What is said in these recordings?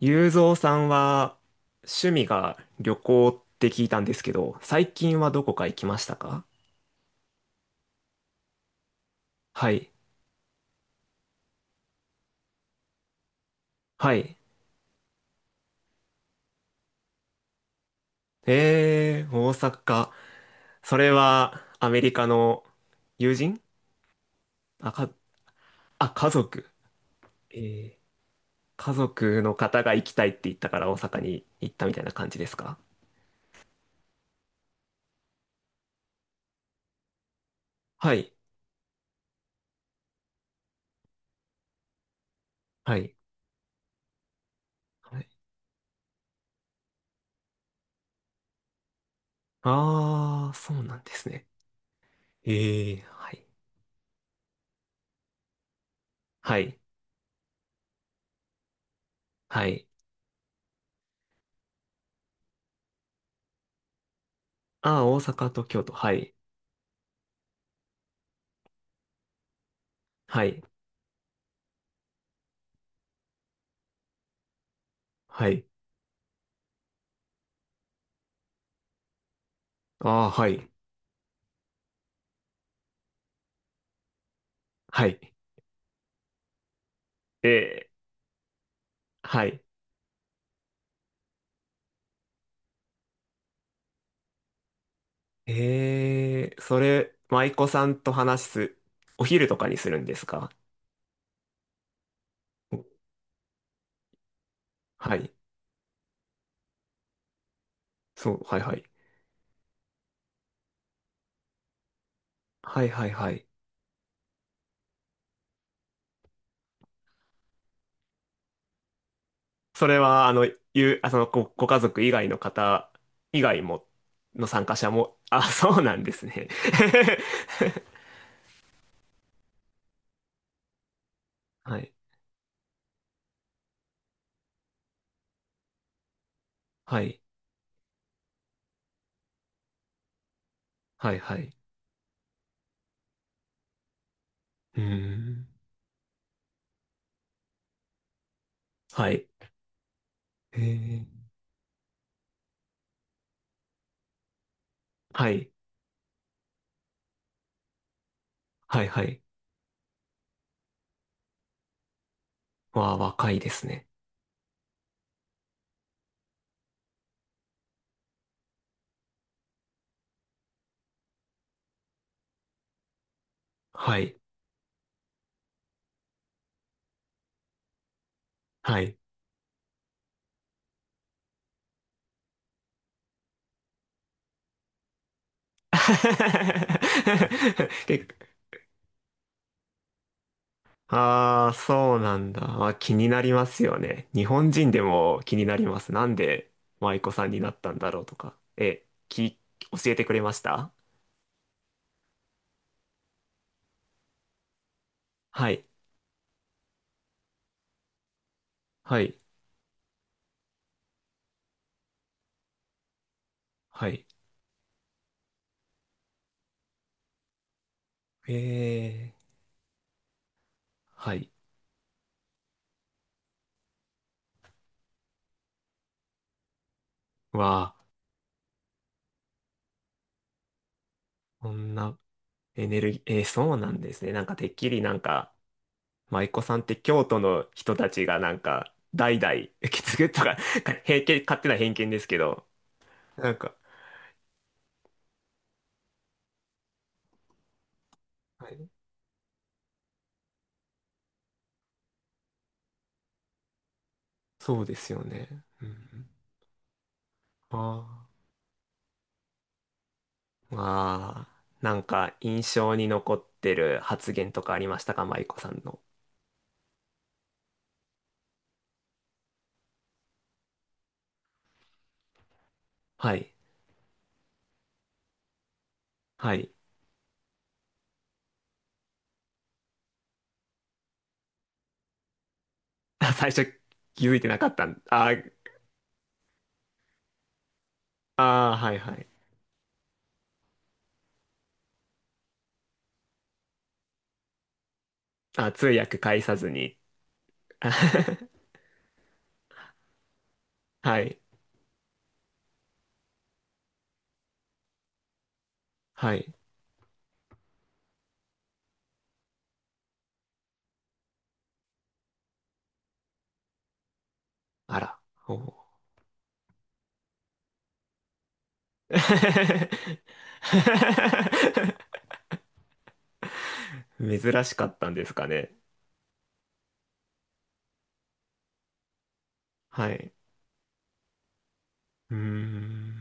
ゆうぞうさんは趣味が旅行って聞いたんですけど、最近はどこか行きましたか？はい。はい。えー、大阪。それはアメリカの友人？あ、家族。えー、家族の方が行きたいって言ったから大阪に行ったみたいな感じですか？はい。はい。はい。あー、そうなんですね。えはい。はい。はい。あー、大阪と京都。はい。はい。はい。あー、はい。はい。えはい。えー、それ、舞妓さんと話す、お昼とかにするんですか？おはい。そう、はいはい。はいはいはい。それは、あの、ゆう、あ、その、ご、ご家族以外の方以外も、の参加者も、あ、そうなんですね。はい。はい。はいはい。うーん。はい。えー、はい。はいはい。わあ、若いですね。はい。はい。結構。ああ、そうなんだ。あ、気になりますよね。日本人でも気になります。なんで舞妓さんになったんだろうとか。教えてくれました？はい。はい。はい。えー。はい。わあ、こんなエネルギー、えー、そうなんですね。なんかてっきりなんか、舞妓さんって京都の人たちがなんか、代々受け継ぐとか、偏見、勝手な偏見ですけど、なんか、はい、そうですよね。うん。ああ。まあ、なんか印象に残ってる発言とかありましたか、舞子さんの？はい。はい。あ、最初気づいてなかったん？ああー、はいはい。あ、通訳介さずに。あ はい。はい。あら。おう 珍しかったんですかね。はい。うーん。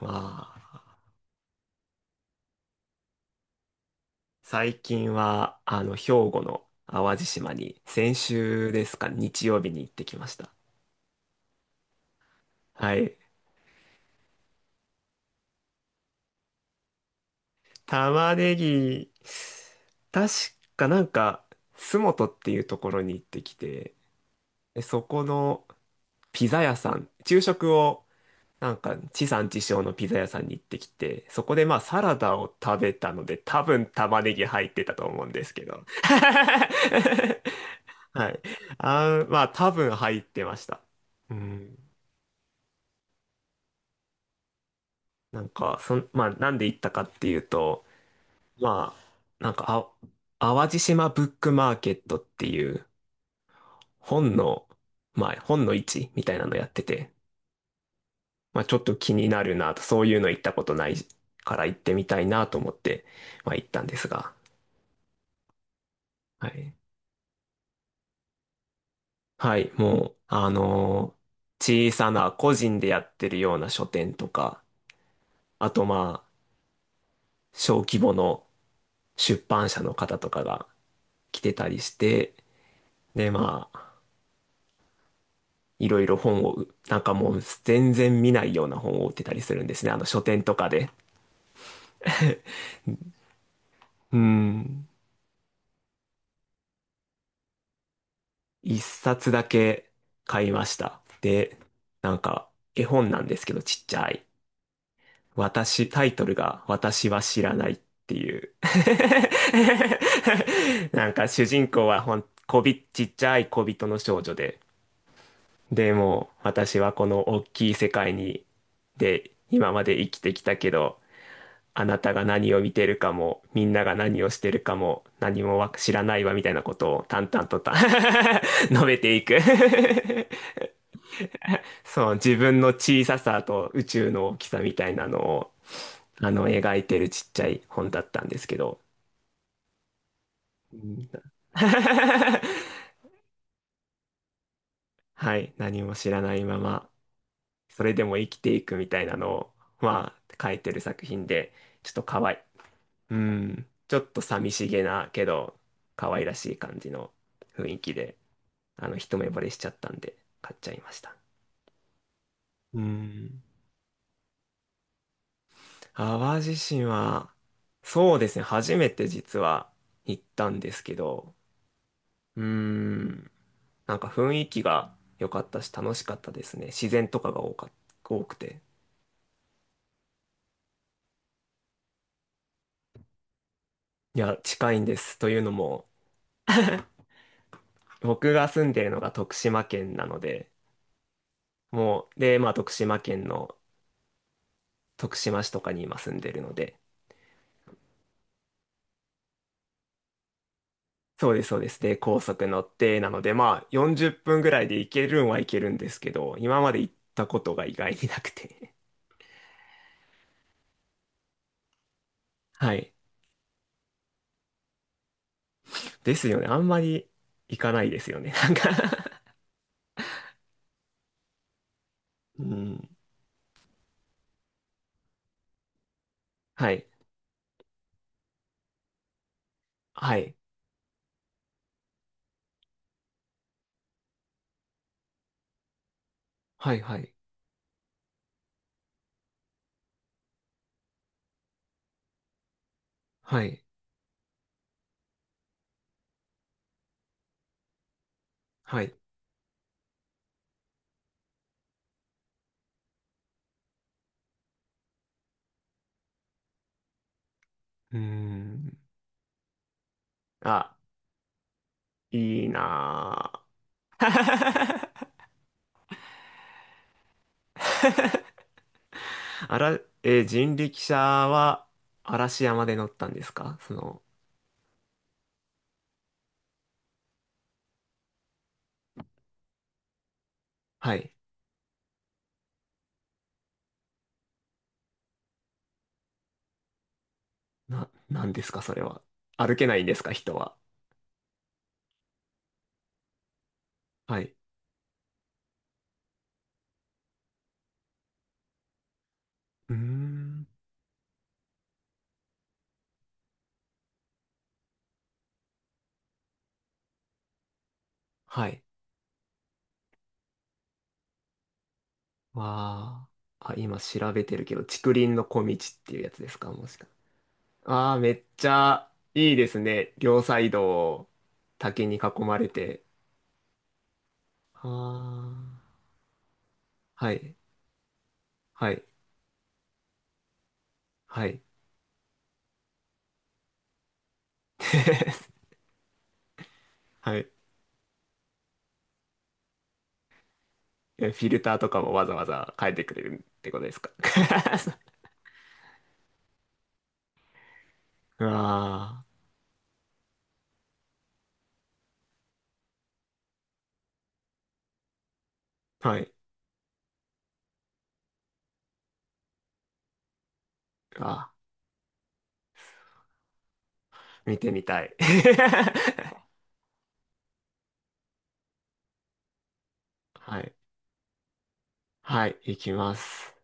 まあ、最近は、兵庫の淡路島に、先週ですか、日曜日に行ってきました。はい。玉ねぎ、確かなんか、洲本っていうところに行ってきて、でそこのピザ屋さん、昼食を、なんか、地産地消のピザ屋さんに行ってきて、そこでまあサラダを食べたので、多分玉ねぎ入ってたと思うんですけど。はい。あー、まあ多分入ってました。うん。なんか、まあなんで行ったかっていうと、まあ、なんか、あ、淡路島ブックマーケットっていう本の、まあ、本の市みたいなのやってて、まあ、ちょっと気になるなと、そういうの行ったことないから行ってみたいなと思って、まあ、行ったんですが、はい。はい、もう、小さな個人でやってるような書店とか、あとまあ、小規模の出版社の方とかが来てたりして、で、まあ、いろいろ本を、なんかもう全然見ないような本を売ってたりするんですね。あの書店とかで。うん。一冊だけ買いました。で、なんか絵本なんですけどちっちゃい。私、タイトルが私は知らないっていう。なんか主人公はほん、こび、ちっちゃい小人の少女で。でもう私はこの大きい世界に、で、今まで生きてきたけど、あなたが何を見てるかも、みんなが何をしてるかも、何もわ知らないわみたいなことを淡々とた 述べていく そう、自分の小ささと宇宙の大きさみたいなのを、描いてるちっちゃい本だったんですけど。うん はい、何も知らないまま、それでも生きていくみたいなのを、まあ、書いてる作品で、ちょっとかわい、うん、ちょっと寂しげなけど可愛らしい感じの雰囲気で、一目惚れしちゃったんで買っちゃいました。うん。淡路島は、そうですね、初めて実は行ったんですけど、うーん、なんか雰囲気が良かったし楽しかったですね。自然とかが多くて。いや、近いんです。というのも、僕が住んでるのが徳島県なので、もう、で、まあ徳島県の徳島市とかに今住んでるので、そうです、そうです。で、高速乗って、なので、まあ、40分ぐらいで行けるんは行けるんですけど、今まで行ったことが意外になくて。はい。ですよね。あんまり行かないですよね。なんか うん。はい。はい。はい、はい。はい。はい。うーん。あ、いいなぁ。あら、人力車は嵐山で乗ったんですか？その、はい。なんですか、それは？歩けないんですか、人は？はい。うーん。はい。まあ、あ、今調べてるけど、竹林の小道っていうやつですか、もしか？ああ、めっちゃいいですね。両サイド、竹に囲まれて。ああ、はい、はい、はい。はい。えフィルターとかもわざわざ変えてくれるってことですか？うわあ、はい。あー、見てみたい。はい。はい、行きます。